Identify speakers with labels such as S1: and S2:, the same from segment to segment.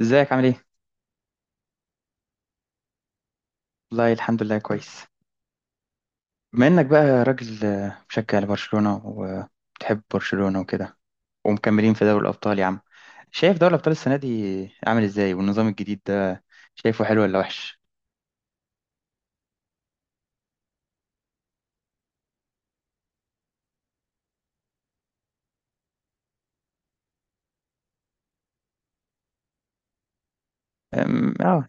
S1: ازيك عامل ايه؟ والله الحمد لله كويس. بما انك بقى راجل مشجع لبرشلونة وبتحب برشلونة وكده، ومكملين في دوري الأبطال يا عم. شايف دوري الأبطال السنة دي عامل ازاي والنظام الجديد ده، شايفه حلو ولا وحش؟ اه.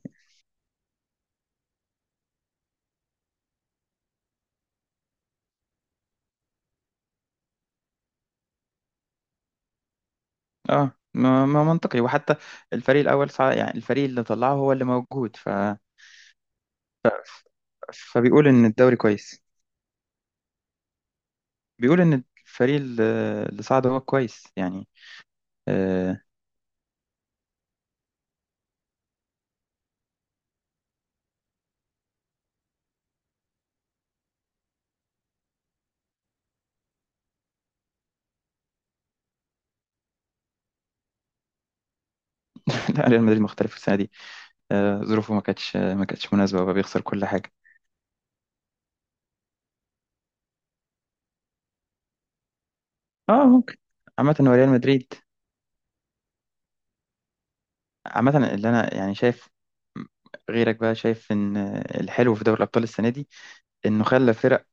S1: اه، ما منطقي، وحتى الفريق الأول يعني الفريق اللي طلعه هو اللي موجود فبيقول إن الدوري كويس. بيقول إن الفريق اللي صعد هو كويس يعني. آه. لا، ريال مدريد مختلف السنة دي. آه، ظروفه ما كانتش مناسبة، وبقى بيخسر كل حاجة. اه، ممكن. عامة هو ريال مدريد. عامة اللي انا يعني شايف، غيرك بقى شايف ان الحلو في دوري الابطال السنة دي انه خلى فرق،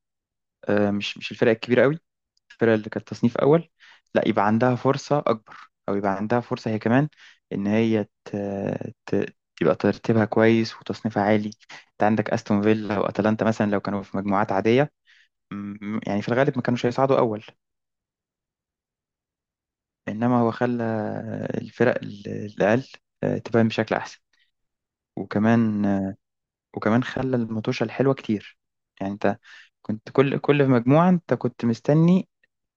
S1: آه، مش الفرق الكبيرة قوي. الفرق اللي كانت تصنيف اول، لا يبقى عندها فرصة اكبر، او يبقى عندها فرصة هي كمان ان هي تبقى ترتيبها كويس وتصنيفها عالي. انت عندك استون فيلا واتلانتا مثلا، لو كانوا في مجموعات عادية، يعني في الغالب ما كانوش هيصعدوا اول. انما هو خلى الفرق الاقل، آه، تبان بشكل احسن. وكمان وكمان خلى المطوشة الحلوة كتير. يعني انت كنت كل في مجموعة، انت كنت مستني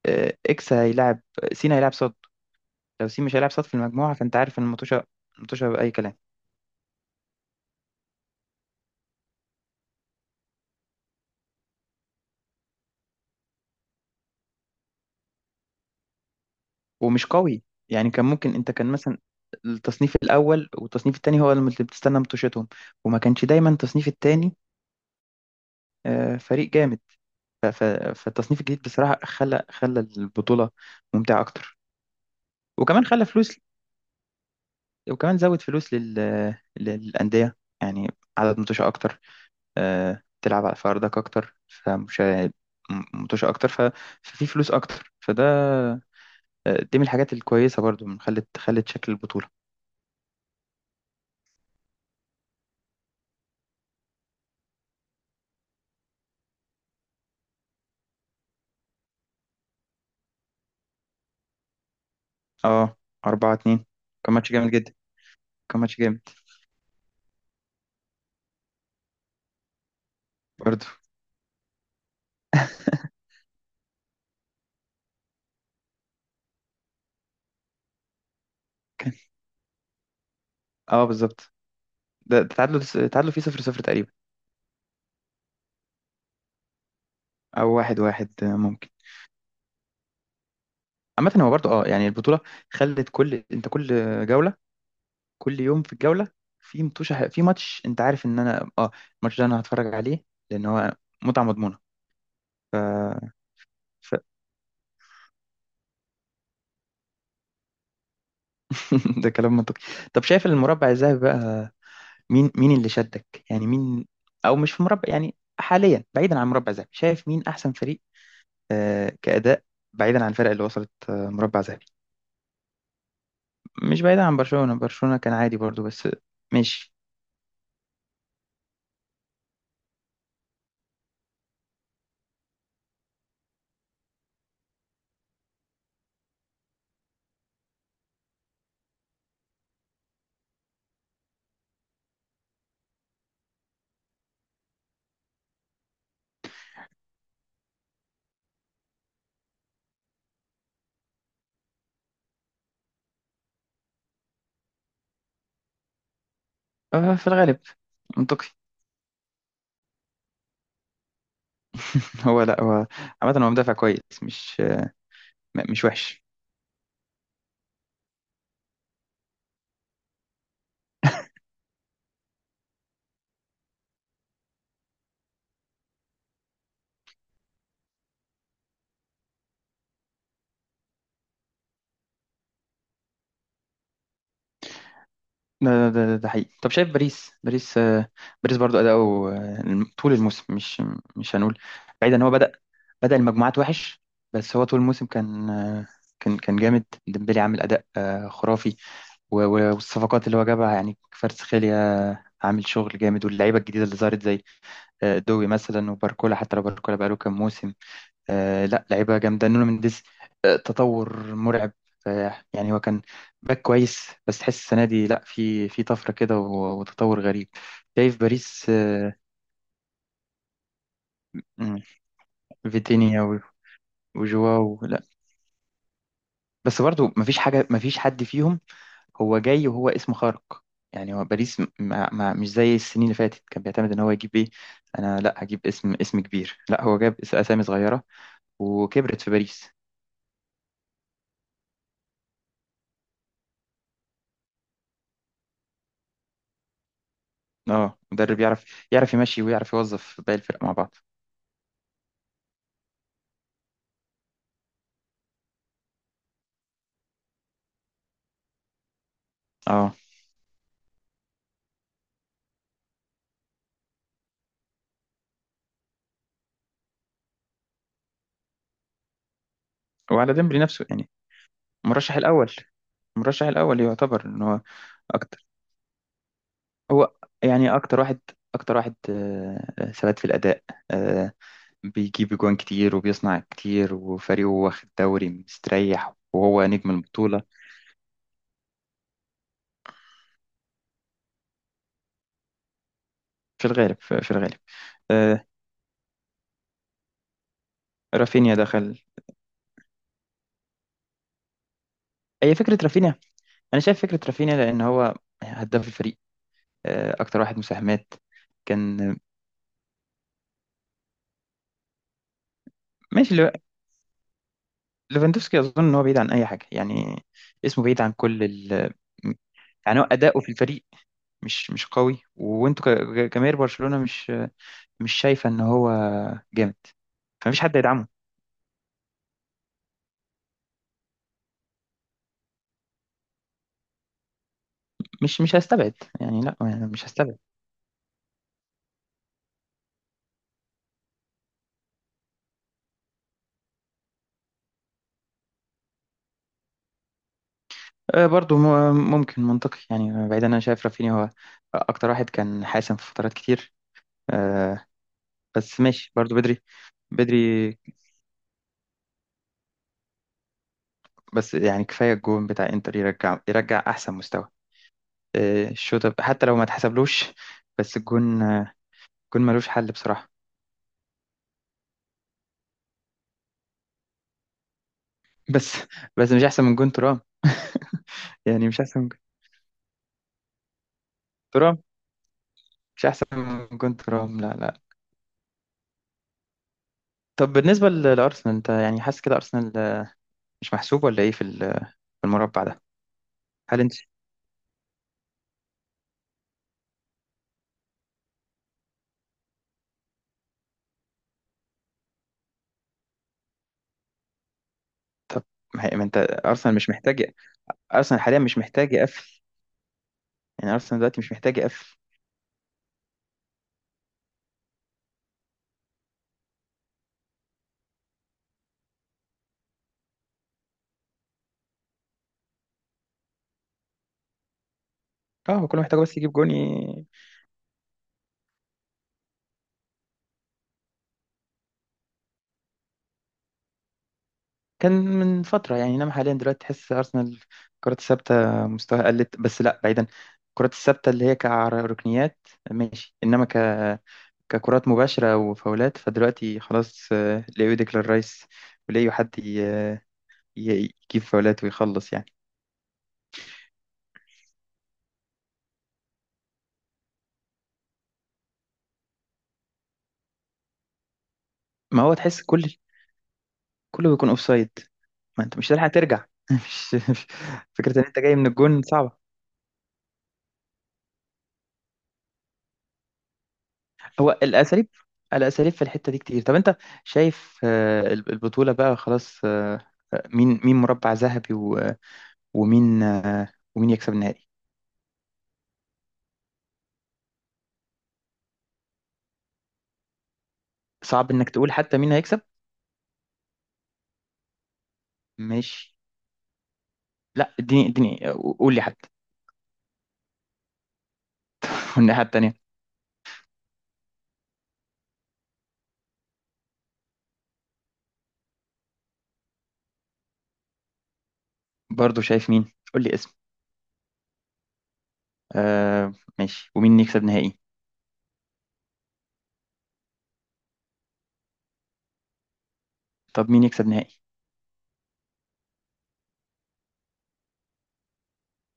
S1: آه، اكس هيلعب، سين هيلعب صد. لو سين مش هيلعب صد في المجموعة، فانت عارف ان المطوشة بأي كلام. ومش قوي، يعني كان ممكن انت كان مثلا التصنيف الأول والتصنيف التاني هو اللي بتستنى مطوشتهم، وما كانش دايما التصنيف التاني آه، فريق جامد. ف- ف- فالتصنيف الجديد بصراحة خلى البطولة ممتعة أكتر. وكمان خلى فلوس، وكمان زود فلوس للأندية، يعني عدد متوشة أكتر، آه، تلعب على فاردك أكتر، فمش متوشة أكتر ففي فلوس أكتر، فده آه، دي من الحاجات الكويسة برضو، من خلت شكل البطولة. اه، 4-2. كان ماتش جامد جدا. كان ماتش جامد. برضو. كان. اه، بالظبط. ده تعادلوا، تعادلوا فيه 0-0 تقريبا. أو 1-1 آه، ممكن. عامة هو برضو اه يعني البطولة خلت انت كل جولة، كل يوم في الجولة في متوشة، في ماتش انت عارف ان انا الماتش ده انا هتفرج عليه، لان هو متعة مضمونة. ف... ده كلام منطقي. طب شايف المربع الذهبي بقى، مين اللي شدك؟ يعني مين، او مش في مربع، يعني حاليا بعيدا عن مربع ذهبي، شايف مين احسن فريق آه كأداء، بعيدا عن الفرق اللي وصلت آه مربع ذهبي؟ مش بعيدا عن برشلونة، برشلونة كان عادي برضو، بس ماشي. آه، في الغالب. منطقي. هو لا هو، عامة هو مدافع كويس، مش وحش. ده حقيقي. طب شايف باريس برضو أداؤه آه، طول الموسم، مش هنقول بعيد، ان هو بدأ المجموعات وحش. بس هو طول الموسم كان آه، كان كان جامد. ديمبلي عامل أداء آه، خرافي، والصفقات اللي هو جابها، يعني كفاراتسخيليا عامل شغل جامد، واللعيبة الجديدة اللي ظهرت زي آه، دوي مثلا وباركولا، حتى لو باركولا بقاله كام موسم. آه، لا، لعيبة جامدة. نونو مينديز آه، تطور مرعب. آه، يعني هو كان باك كويس، بس تحس السنة دي لا، في طفرة كده، وتطور غريب. شايف باريس آه. مم. فيتينيا وجواو لا. بس برضو مفيش حاجة، مفيش حد فيهم هو جاي وهو اسم خارق. يعني هو باريس ما مش زي السنين اللي فاتت، كان بيعتمد ان هو يجيب ايه؟ انا لا هجيب اسم كبير. لا، هو جاب اسامي صغيرة وكبرت في باريس. اه، مدرب يعرف يمشي ويعرف يوظف باقي الفرق مع بعض. اه. وعلى ديمبلي نفسه، يعني المرشح الاول، المرشح الاول يعتبر ان هو اكتر. هو يعني اكتر واحد ثبات في الاداء. آه، بيجيب جوان كتير وبيصنع كتير، وفريقه واخد دوري مستريح وهو نجم البطولة. في الغالب، في الغالب. آه، رافينيا دخل. هي فكرة رافينيا. أنا شايف فكرة رافينيا، لأن هو هداف الفريق، آه، أكتر واحد مساهمات. كان. ماشي. ليفاندوفسكي اظن ان هو بعيد عن اي حاجه يعني، اسمه بعيد عن كل يعني هو اداؤه في الفريق مش قوي، وانتوا كجماهير برشلونه، مش شايفه ان هو جامد. فمفيش حد يدعمه. مش هستبعد. يعني لا، يعني مش هستبعد. آه، برضو ممكن، منطقي، يعني بعيد. انا شايف رافينيا هو اكتر واحد كان حاسم في فترات كتير، آه، بس ماشي برضو بدري. بدري. بس يعني كفايه الجون بتاع انتر، يرجع احسن مستوى، آه، الشوط حتى لو ما تحسبلوش. بس الجون آه، الجون ملوش حل بصراحة. بس، بس مش أحسن من جون ترام. يعني مش أحسن من جون ترام. مش أحسن من جون ترام. لا، لا. طب بالنسبة لأرسنال، أنت يعني حاسس كده أرسنال آه، مش محسوب ولا إيه في في المربع ده؟ هل أنت، طب ما ما أنت، أرسنال مش محتاج، أرسنال حاليا مش محتاج يقفل، يعني أرسنال دلوقتي مش محتاج يقفل. اه، هو كله محتاجه بس يجيب جون، كان من فترة، يعني إنما حاليا دلوقتي تحس أرسنال الكرات الثابتة مستواها قلت، بس لا بعيدا. الكرات الثابتة اللي هي كركنيات ماشي، إنما ككرات مباشرة وفاولات، فدلوقتي خلاص آه، لقيوا ديكلان رايس، ولقيوا حد يجيب فاولات ويخلص يعني. ما هو تحس كله بيكون أوفسايد. ما أنت مش هتلحق ترجع، مش مش- فكرة إن أنت جاي من الجون صعبة. هو الاساليب، الاساليب في الحته دي كتير. طب انت شايف آه، البطوله بقى خلاص، مين مربع ذهبي، ومين آه، ومين يكسب النهائي؟ صعب انك تقول حتى مين هيكسب. ماشي. لا، اديني آه، قول لي حتى. والناحيه التانيه؟ برضو، شايف مين؟ قول لي اسم. آه، ماشي. ومين يكسب نهائي؟ طب مين يكسب نهائي؟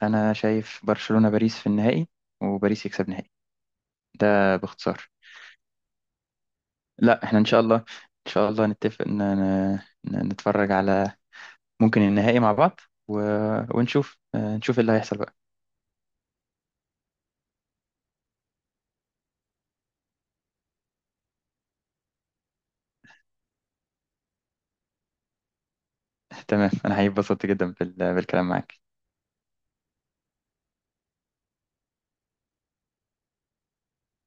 S1: انا شايف برشلونه باريس في النهائي، وباريس يكسب نهائي. ده باختصار. لا، احنا ان شاء الله، ان شاء الله نتفق ان إن- نتفرج على ممكن النهائي مع بعض، و... ونشوف آه، نشوف إيه اللي هيحصل بقى. تمام، أنا هيبسطت جدا بالكلام معاك.